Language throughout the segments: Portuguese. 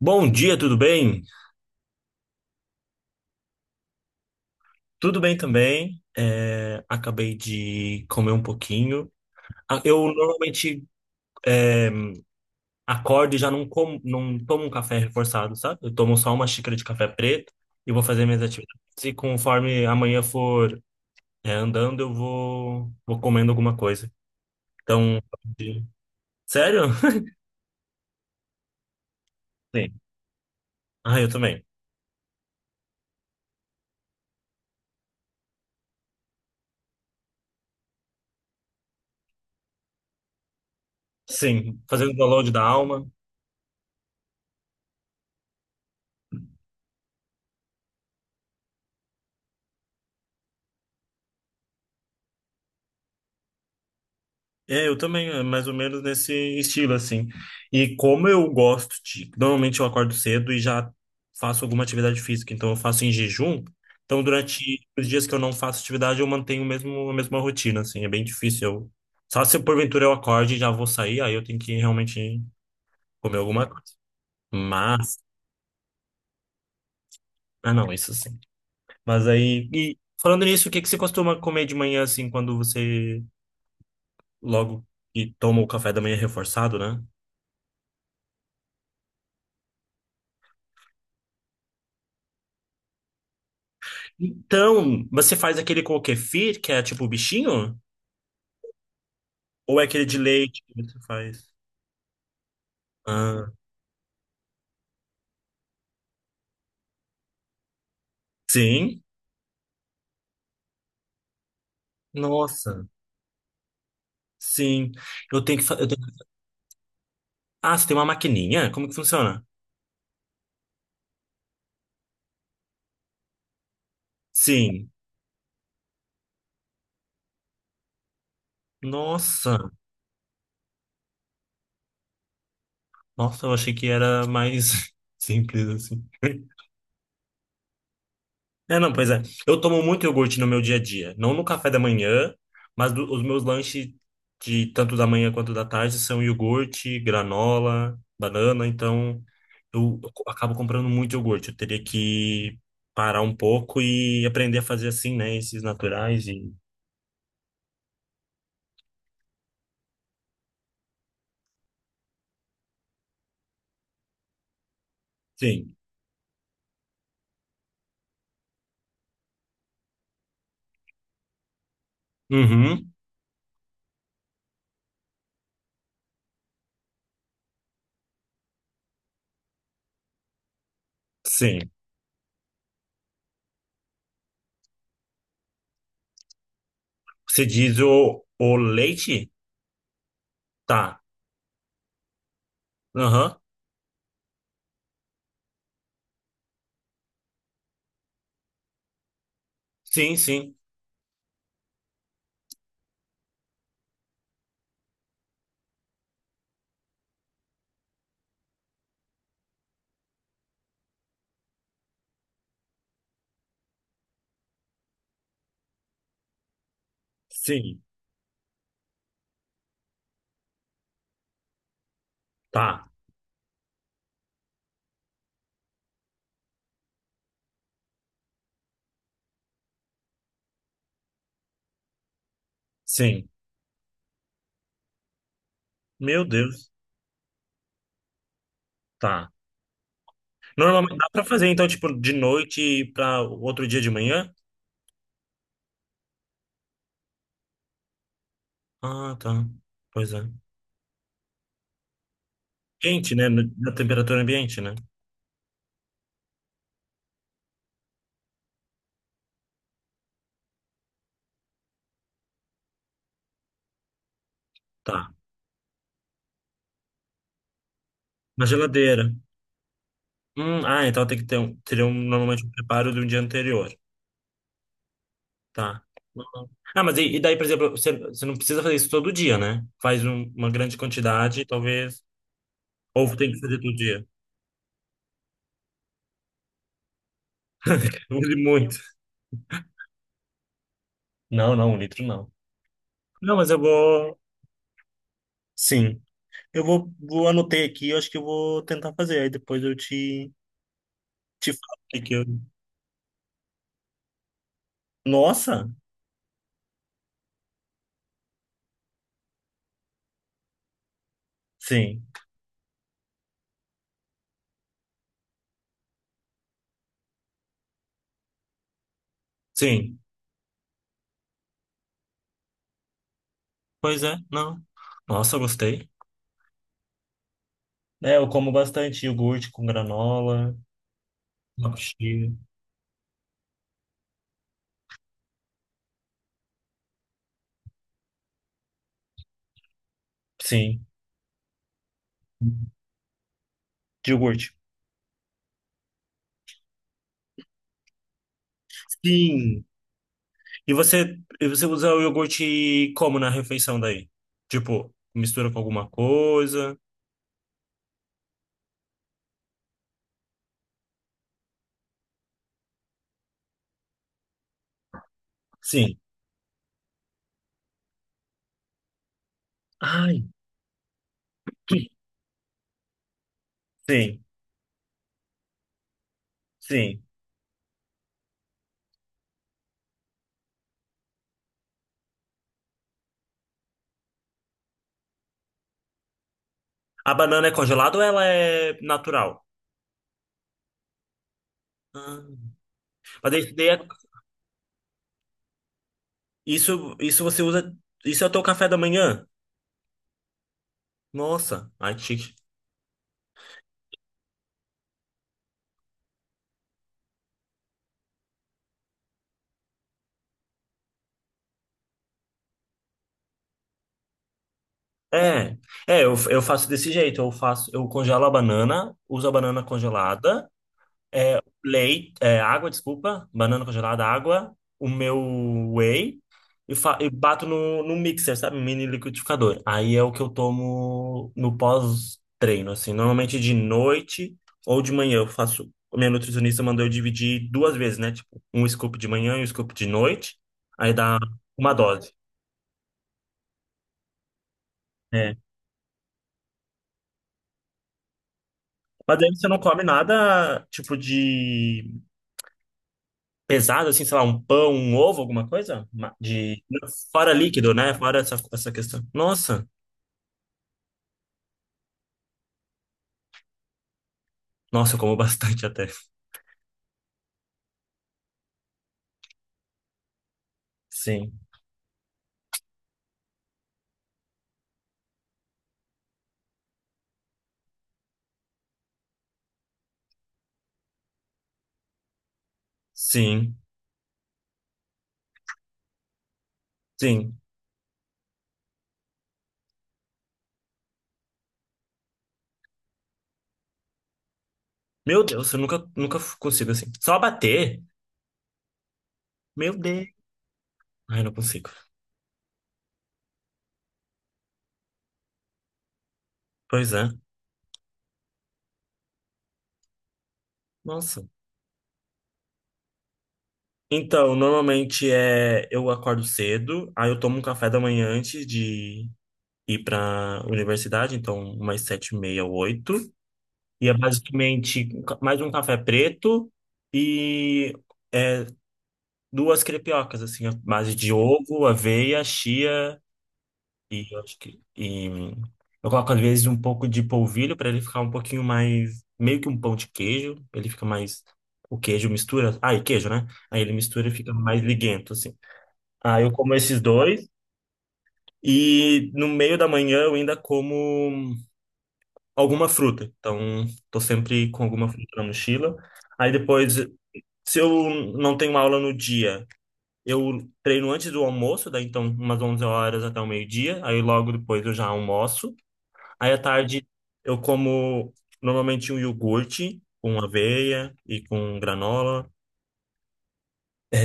Bom dia, tudo bem? Tudo bem também. É, acabei de comer um pouquinho. Ah, eu normalmente acordo e já não como, não tomo um café reforçado, sabe? Eu tomo só uma xícara de café preto e vou fazer minhas atividades. E conforme amanhã for, andando, eu vou comendo alguma coisa. Então, de- sério? Sim. Ah, eu também. Sim, fazendo download da alma. É, eu também, é mais ou menos nesse estilo, assim. E como eu gosto de. Normalmente eu acordo cedo e já faço alguma atividade física, então eu faço em jejum. Então, durante os dias que eu não faço atividade, eu mantenho o mesmo, a mesma rotina, assim. É bem difícil. Eu... Só se porventura eu acorde e já vou sair, aí eu tenho que realmente comer alguma coisa. Mas. Ah, não, isso sim. Mas aí. E falando nisso, o que que você costuma comer de manhã, assim, quando você logo que toma o café da manhã reforçado, né? Então, você faz aquele com o kefir, que é tipo o bichinho? Ou é aquele de leite que você faz? Ah, sim? Nossa, sim. Eu tenho que fazer. Ah, você tem uma maquininha? Como que funciona? Sim. Nossa, nossa, eu achei que era mais simples assim. É, não, pois é. Eu tomo muito iogurte no meu dia a dia. Não no café da manhã, mas os meus lanches de tanto da manhã quanto da tarde são iogurte, granola, banana. Então, eu acabo comprando muito iogurte. Eu teria que parar um pouco e aprender a fazer assim, né? Esses naturais e... Sim. Uhum. Sim. Você diz o leite? Tá. Aham. Sim, sim. Sim. Tá. Sim. Meu Deus. Tá. Normalmente dá pra fazer, então, tipo, de noite e pra outro dia de manhã? Ah, tá. Pois é. Quente, né? Na temperatura ambiente, né? Tá. Na geladeira. Ah, então tem que ter um, teria um, normalmente um preparo de um dia anterior. Tá. Uhum. Ah, mas e daí, por exemplo, você não precisa fazer isso todo dia, né? Faz uma grande quantidade, talvez. Ou tem que fazer todo dia. Use muito. Não, não, um litro não. Não, mas eu vou. Sim. Eu vou anotei aqui, eu acho que eu vou tentar fazer. Aí depois eu te. Te falei que eu... Nossa, sim, sim. Pois é, não. Nossa, eu gostei. É, eu como bastante iogurte com granola, abacaxi. Sim, de iogurte. Sim. E você usa o iogurte como na refeição daí? Tipo, mistura com alguma coisa? Sim. Ai, sim, sim. A banana é congelada ou ela é natural? Ah. Mas isso, daí isso você usa. Isso é o teu café da manhã? Nossa, ai que chique. É, é, eu faço desse jeito, eu faço, eu congelo a banana, uso a banana congelada, leite, água, desculpa, banana congelada, água, o meu whey e bato no mixer, sabe, um mini liquidificador. Aí é o que eu tomo no pós-treino, assim, normalmente de noite ou de manhã eu faço. A minha nutricionista mandou eu dividir duas vezes, né? Tipo, um scoop de manhã e um scoop de noite, aí dá uma dose. É, mas aí você não come nada tipo de pesado, assim, sei lá, um pão, um ovo, alguma coisa? De... Fora líquido, né? Fora essa questão. Nossa, nossa, eu como bastante até. Sim, sim, sim. Meu Deus, eu nunca, nunca consigo assim. Só bater? Meu Deus. Ai, não consigo. Pois é. Nossa. Então, normalmente é eu acordo cedo, aí eu tomo um café da manhã antes de ir pra universidade, então umas 7h30, oito. E é basicamente um mais um café preto e é, duas crepiocas, assim, à base de ovo, aveia, chia e eu acho que. E eu coloco às vezes um pouco de polvilho para ele ficar um pouquinho mais. Meio que um pão de queijo, ele fica mais. O queijo mistura. Ah, e queijo, né? Aí ele mistura e fica mais liguento, assim. Aí eu como esses dois e no meio da manhã eu ainda como alguma fruta. Então, tô sempre com alguma fruta na mochila. Aí depois, se eu não tenho aula no dia, eu treino antes do almoço, daí então umas 11 horas até o meio-dia, aí logo depois eu já almoço. Aí à tarde eu como normalmente um iogurte com aveia e com granola,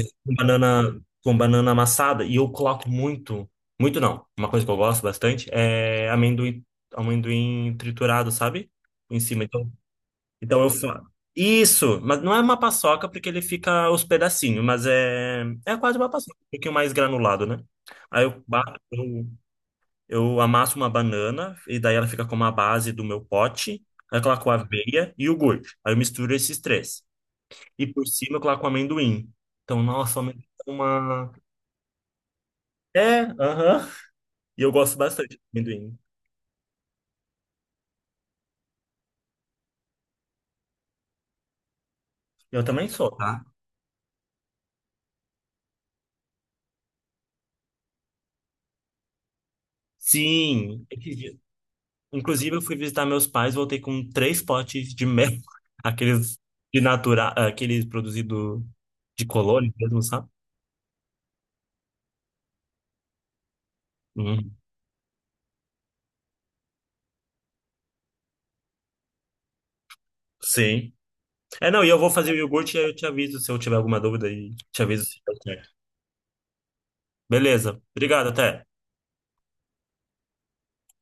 com banana amassada, e eu coloco muito, muito não, uma coisa que eu gosto bastante é amendoim, amendoim triturado, sabe? Em cima. Então, eu faço isso, mas não é uma paçoca porque ele fica os pedacinhos, mas é quase uma paçoca, um pouquinho mais granulado, né? Aí eu amasso uma banana e daí ela fica como a base do meu pote, aí eu coloco aveia e iogurte. Aí eu misturo esses três. E por cima eu coloco amendoim. Então, nossa, o amendoim é uma. É, aham. E eu gosto bastante de amendoim. Eu também sou, tá? Sim. Inclusive, eu fui visitar meus pais, voltei com três potes de mel, aqueles de natural aqueles produzido de colônia mesmo, sabe? Uhum. Sim. É, não, e eu vou fazer o iogurte e aí eu te aviso se eu tiver alguma dúvida e te aviso se deu certo. Beleza. Obrigado, até.